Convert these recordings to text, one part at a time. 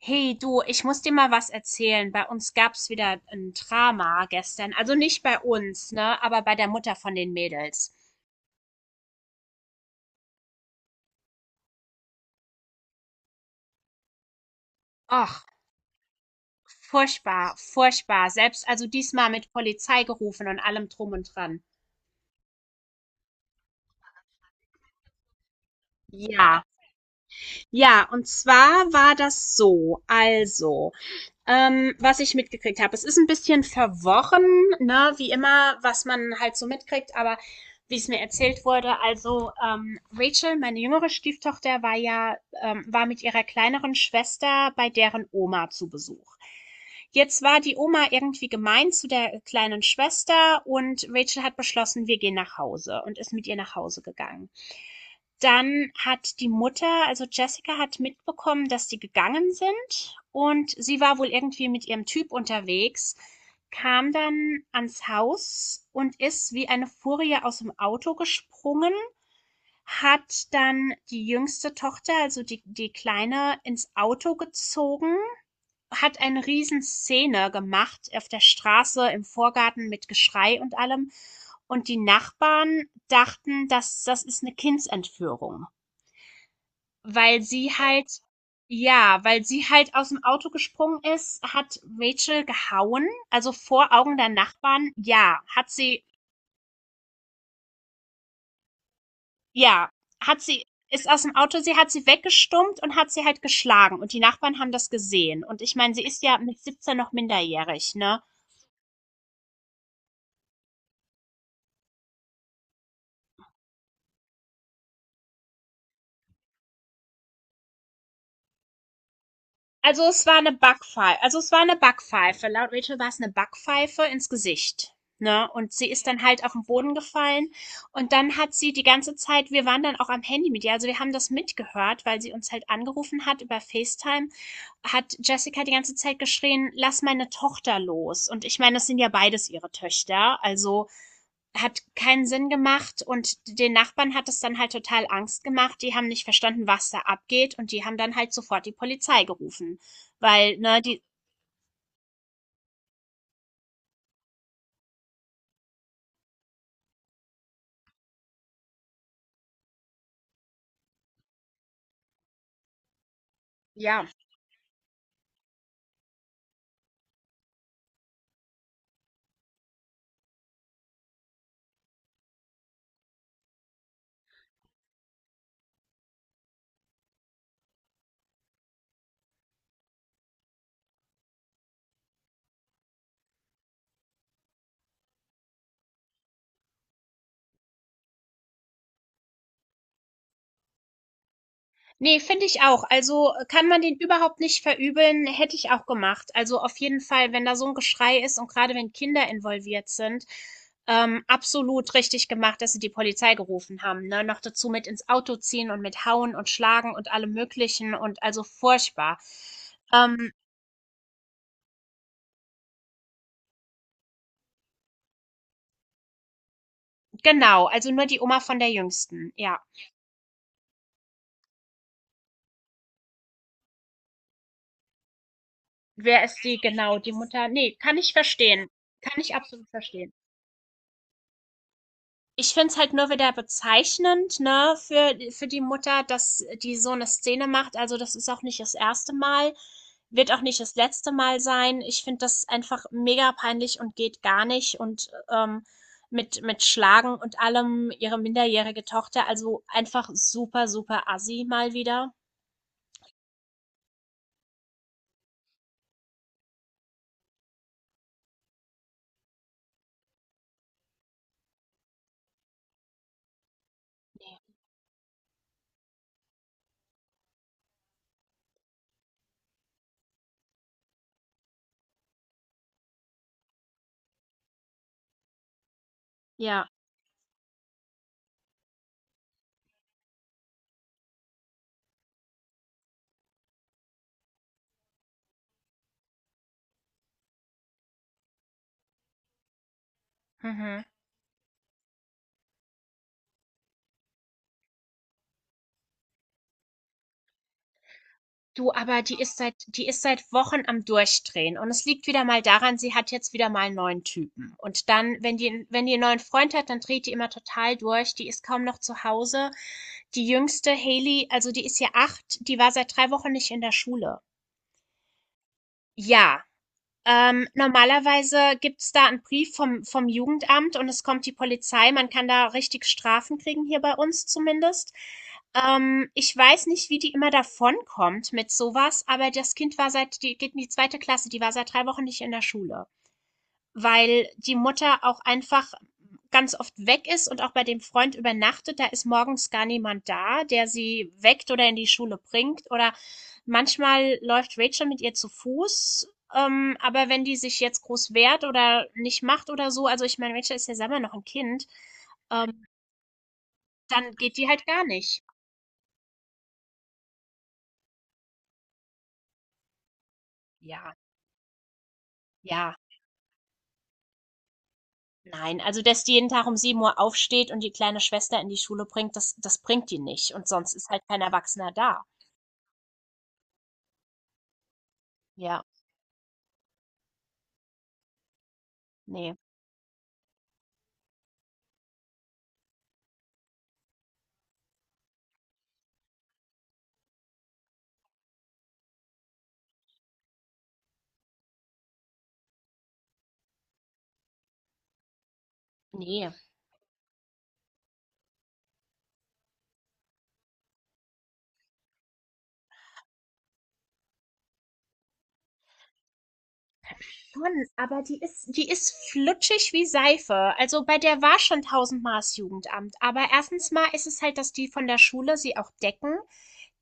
Hey du, ich muss dir mal was erzählen. Bei uns gab's wieder ein Drama gestern. Also nicht bei uns, ne, aber bei der Mutter von den Mädels. Och, furchtbar, furchtbar. Selbst also diesmal mit Polizei gerufen und allem drum und dran. Ja, ja, und zwar war das so. Also, was ich mitgekriegt habe. Es ist ein bisschen verworren, ne, wie immer, was man halt so mitkriegt, aber wie es mir erzählt wurde, also Rachel, meine jüngere Stieftochter, war ja, war mit ihrer kleineren Schwester bei deren Oma zu Besuch. Jetzt war die Oma irgendwie gemein zu der kleinen Schwester und Rachel hat beschlossen, wir gehen nach Hause und ist mit ihr nach Hause gegangen. Dann hat die Mutter, also Jessica hat mitbekommen, dass die gegangen sind und sie war wohl irgendwie mit ihrem Typ unterwegs, kam dann ans Haus und ist wie eine Furie aus dem Auto gesprungen, hat dann die jüngste Tochter, also die Kleine, ins Auto gezogen, hat eine Riesenszene gemacht auf der Straße, im Vorgarten mit Geschrei und allem. Und die Nachbarn dachten, dass das ist eine Kindsentführung. Weil sie halt Ja, weil sie halt aus dem Auto gesprungen ist, hat Rachel gehauen, also vor Augen der Nachbarn. Ja, ja, hat sie ist aus dem Auto sie hat sie weggestummt und hat sie halt geschlagen und die Nachbarn haben das gesehen. Und ich meine, sie ist ja mit 17 noch minderjährig, ne? Also, es war eine Backpfeife. Laut Rachel war es eine Backpfeife ins Gesicht, ne? Und sie ist dann halt auf den Boden gefallen und dann hat sie die ganze Zeit wir waren dann auch am Handy mit ihr, also, wir haben das mitgehört, weil sie uns halt angerufen hat über FaceTime, hat Jessica die ganze Zeit geschrien: „Lass meine Tochter los.“ Und ich meine, das sind ja beides ihre Töchter, also hat keinen Sinn gemacht und den Nachbarn hat es dann halt total Angst gemacht. Die haben nicht verstanden, was da abgeht und die haben dann halt sofort die Polizei gerufen, weil ne die ja, nee, finde ich auch. Also kann man den überhaupt nicht verübeln, hätte ich auch gemacht. Also auf jeden Fall, wenn da so ein Geschrei ist und gerade wenn Kinder involviert sind, absolut richtig gemacht, dass sie die Polizei gerufen haben. Ne? Noch dazu mit ins Auto ziehen und mit hauen und schlagen und allem Möglichen und also furchtbar. Ähm, Genau, also nur die Oma von der Jüngsten, ja. Wer ist die genau? Die Mutter? Ne, kann ich verstehen. Kann ich absolut verstehen. Ich finde es halt nur wieder bezeichnend, ne, für die Mutter, dass die so eine Szene macht. Also, das ist auch nicht das erste Mal, wird auch nicht das letzte Mal sein. Ich finde das einfach mega peinlich und geht gar nicht und, mit Schlagen und allem ihre minderjährige Tochter, also einfach super, super assi mal wieder. Ja, mhm. Du, aber die ist seit Wochen am Durchdrehen und es liegt wieder mal daran, sie hat jetzt wieder mal einen neuen Typen und dann, wenn die 'n neuen Freund hat, dann dreht die immer total durch. Die ist kaum noch zu Hause. Die Jüngste, Haley, also, die ist ja 8, die war seit 3 Wochen nicht in der Schule. Ja, normalerweise gibt's da einen Brief vom Jugendamt und es kommt die Polizei. Man kann da richtig Strafen kriegen, hier bei uns zumindest. Ich weiß nicht, wie die immer davonkommt mit sowas, aber das Kind war, seit die geht in die zweite Klasse, die war seit 3 Wochen nicht in der Schule, weil die Mutter auch einfach ganz oft weg ist und auch bei dem Freund übernachtet. Da ist morgens gar niemand da, der sie weckt oder in die Schule bringt. Oder manchmal läuft Rachel mit ihr zu Fuß. Aber wenn die sich jetzt groß wehrt oder nicht macht oder so, also ich meine, Rachel ist ja selber noch ein Kind, ähm, dann geht die halt gar nicht. Ja, ja, nein. Also, dass die jeden Tag um 7 Uhr aufsteht und die kleine Schwester in die Schule bringt, das bringt die nicht. Und sonst ist halt kein Erwachsener da. Ja, nee. Nee, schon, aber die ist flutschig wie Seife. Also, bei der war schon tausendmal das Jugendamt. Aber erstens mal ist es halt, dass die von der Schule sie auch decken.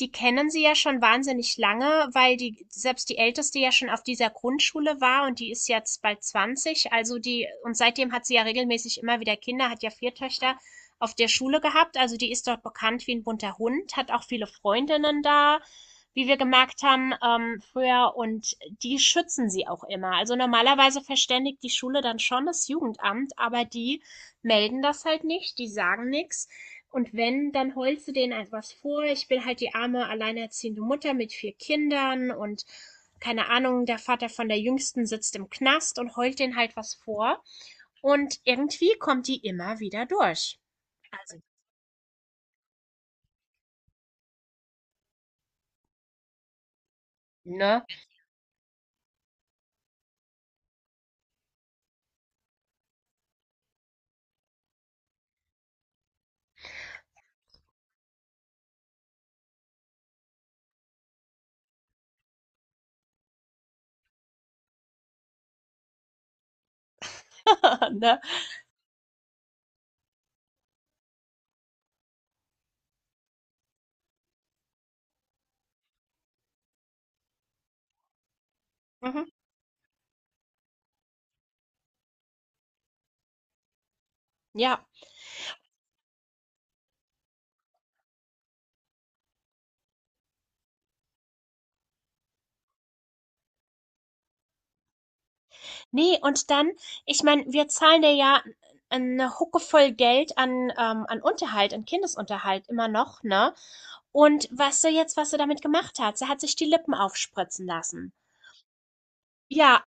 Die kennen sie ja schon wahnsinnig lange, weil die selbst die älteste ja schon auf dieser Grundschule war und die ist jetzt bald 20, also die und seitdem hat sie ja regelmäßig immer wieder Kinder, hat ja vier Töchter auf der Schule gehabt, also die ist dort bekannt wie ein bunter Hund, hat auch viele Freundinnen da, wie wir gemerkt haben früher und die schützen sie auch immer. Also normalerweise verständigt die Schule dann schon das Jugendamt, aber die melden das halt nicht, die sagen nichts und wenn, dann holst du denen etwas vor. Ich bin halt die arme alleinerziehende Mutter mit vier Kindern und keine Ahnung, der Vater von der Jüngsten sitzt im Knast und heult denen halt was vor. Und irgendwie kommt die immer wieder durch. Also, ne? Ne? Mhm. Ja. Nee, und dann, ich meine, wir zahlen dir ja eine Hucke voll Geld an, an Unterhalt, an Kindesunterhalt immer noch, ne? Und weißt du jetzt, was sie damit gemacht hat? Sie hat sich die Lippen aufspritzen lassen. Ja,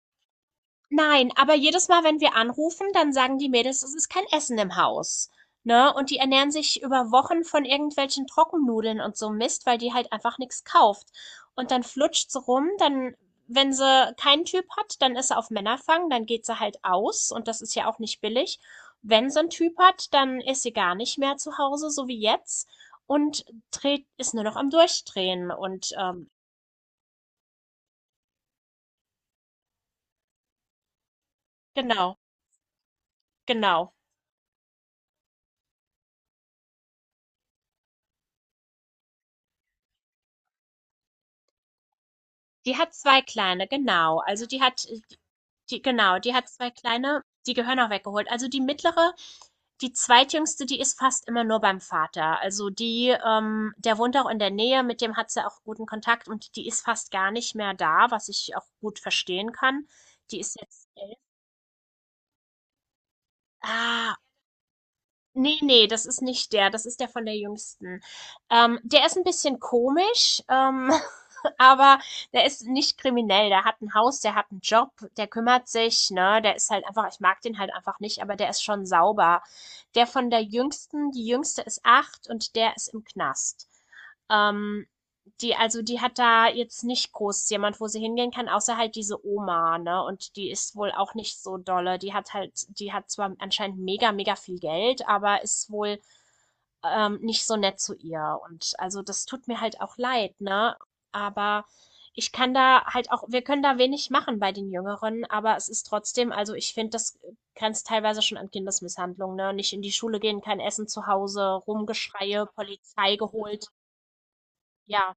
nein, aber jedes Mal, wenn wir anrufen, dann sagen die Mädels, es ist kein Essen im Haus, ne? Und die ernähren sich über Wochen von irgendwelchen Trockennudeln und so Mist, weil die halt einfach nichts kauft. Und dann flutscht sie rum, dann, wenn sie keinen Typ hat, dann ist sie auf Männerfang, dann geht sie halt aus und das ist ja auch nicht billig. Wenn sie einen Typ hat, dann ist sie gar nicht mehr zu Hause, so wie jetzt, und dreht, ist nur noch am Durchdrehen und genau, genau. Die hat zwei kleine, genau. Die genau, die hat 2 kleine, die gehören auch weggeholt. Also, die mittlere, die zweitjüngste, die ist fast immer nur beim Vater. Also, die der wohnt auch in der Nähe, mit dem hat sie auch guten Kontakt und die ist fast gar nicht mehr da, was ich auch gut verstehen kann. Die ist jetzt 11. Ah, ne, ne, das ist nicht der, das ist der von der Jüngsten. Der ist ein bisschen komisch, aber der ist nicht kriminell. Der hat ein Haus, der hat einen Job, der kümmert sich, ne? Der ist halt einfach Ich mag den halt einfach nicht, aber der ist schon sauber. Der von der Jüngsten Die Jüngste ist 8 und der ist im Knast. Ähm. Die, also die hat da jetzt nicht groß jemand, wo sie hingehen kann, außer halt diese Oma, ne? Und die ist wohl auch nicht so dolle. Die hat zwar anscheinend mega, mega viel Geld, aber ist wohl nicht so nett zu ihr. Und also das tut mir halt auch leid, ne? Aber ich kann da halt auch, wir können da wenig machen bei den Jüngeren, aber es ist trotzdem, also ich finde, das grenzt teilweise schon an Kindesmisshandlung, ne? Nicht in die Schule gehen, kein Essen zu Hause, Rumgeschreie, Polizei geholt. Ja.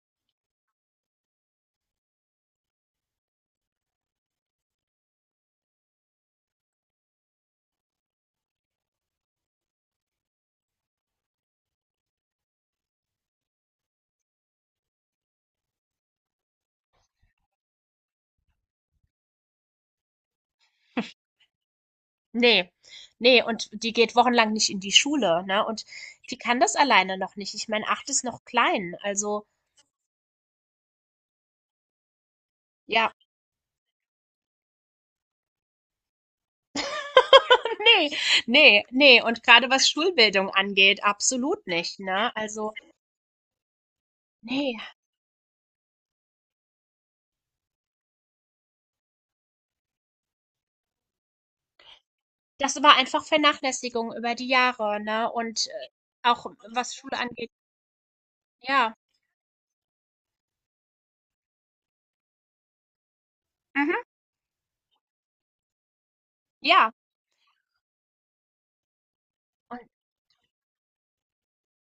Nee, nee, und die geht wochenlang nicht in die Schule, ne? Und die kann das alleine noch nicht. Ich meine, 8 ist noch klein. Also, ja, nee, nee, nee. Und gerade was Schulbildung angeht, absolut nicht, ne? Also, nee, das war einfach Vernachlässigung über die Jahre, ne? Und auch was Schule angeht, ja. Mhm, ja. Und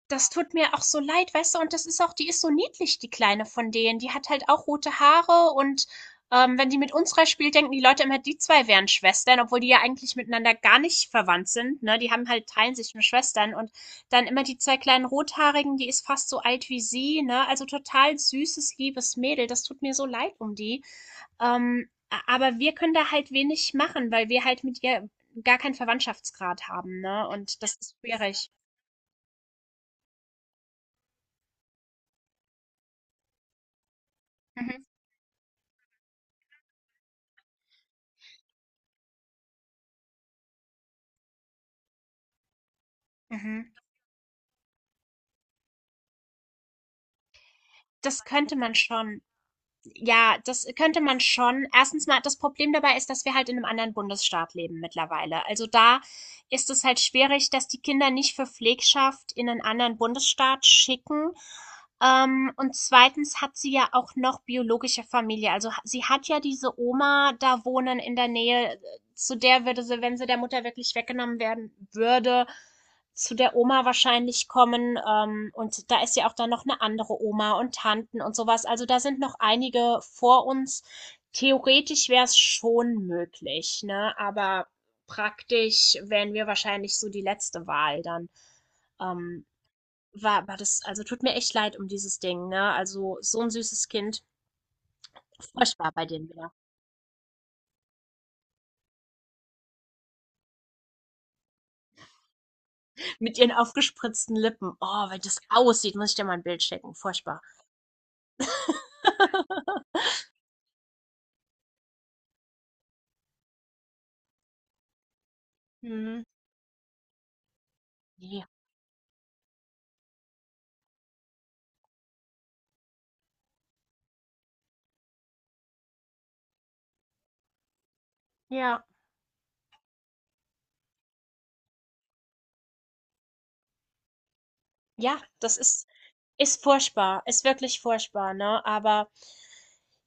das tut mir auch so leid, weißt du? Und das ist auch die ist so niedlich, die Kleine von denen. Die hat halt auch rote Haare und wenn die mit unserer spielt, denken die Leute immer, die zwei wären Schwestern, obwohl die ja eigentlich miteinander gar nicht verwandt sind. Ne? Die haben halt, teilen sich nur Schwestern und dann immer die zwei kleinen Rothaarigen, die ist fast so alt wie sie, ne? Also total süßes, liebes Mädel. Das tut mir so leid um die. Ähm, aber wir können da halt wenig machen, weil wir halt mit ihr gar keinen Verwandtschaftsgrad haben, ne? Und das ist schwierig. Mhm. Mhm. Das könnte man schon. Ja, das könnte man schon. Erstens mal, das Problem dabei ist, dass wir halt in einem anderen Bundesstaat leben mittlerweile. Also, da ist es halt schwierig, dass die Kinder nicht für Pflegschaft in einen anderen Bundesstaat schicken. Und zweitens hat sie ja auch noch biologische Familie. Also, ha sie hat ja diese Oma da wohnen in der Nähe, zu der würde sie, wenn sie der Mutter wirklich weggenommen werden würde, zu der Oma wahrscheinlich kommen. Und da ist ja auch dann noch eine andere Oma und Tanten und sowas. Also da sind noch einige vor uns. Theoretisch wäre es schon möglich, ne? Aber praktisch wären wir wahrscheinlich so die letzte Wahl dann. Ähm, war das, also tut mir echt leid um dieses Ding, ne? Also so ein süßes Kind. Furchtbar bei denen wieder. Mit ihren aufgespritzten Lippen. Oh, wenn das aussieht, muss ich dir mal ein Bild schicken. Furchtbar. Mhm. Ja. Ja. Ja, das ist furchtbar, ist wirklich furchtbar, ne? Aber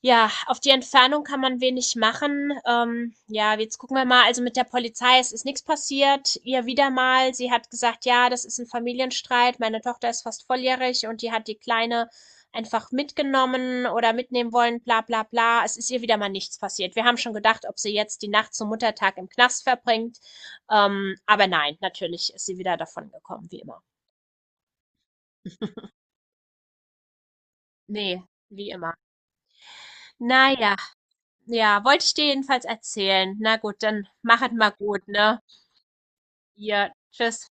ja, auf die Entfernung kann man wenig machen. Ja, jetzt gucken wir mal. Also mit der Polizei, es ist nichts passiert. Ihr wieder mal, sie hat gesagt, ja, das ist ein Familienstreit. Meine Tochter ist fast volljährig und die hat die Kleine einfach mitgenommen oder mitnehmen wollen, bla bla bla. Es ist ihr wieder mal nichts passiert. Wir haben schon gedacht, ob sie jetzt die Nacht zum Muttertag im Knast verbringt. Aber nein, natürlich ist sie wieder davon gekommen, wie immer. Nee, wie immer. Na ja, ja, wollte ich dir jedenfalls erzählen. Na gut, dann machet mal gut, ne? Hier, tschüss.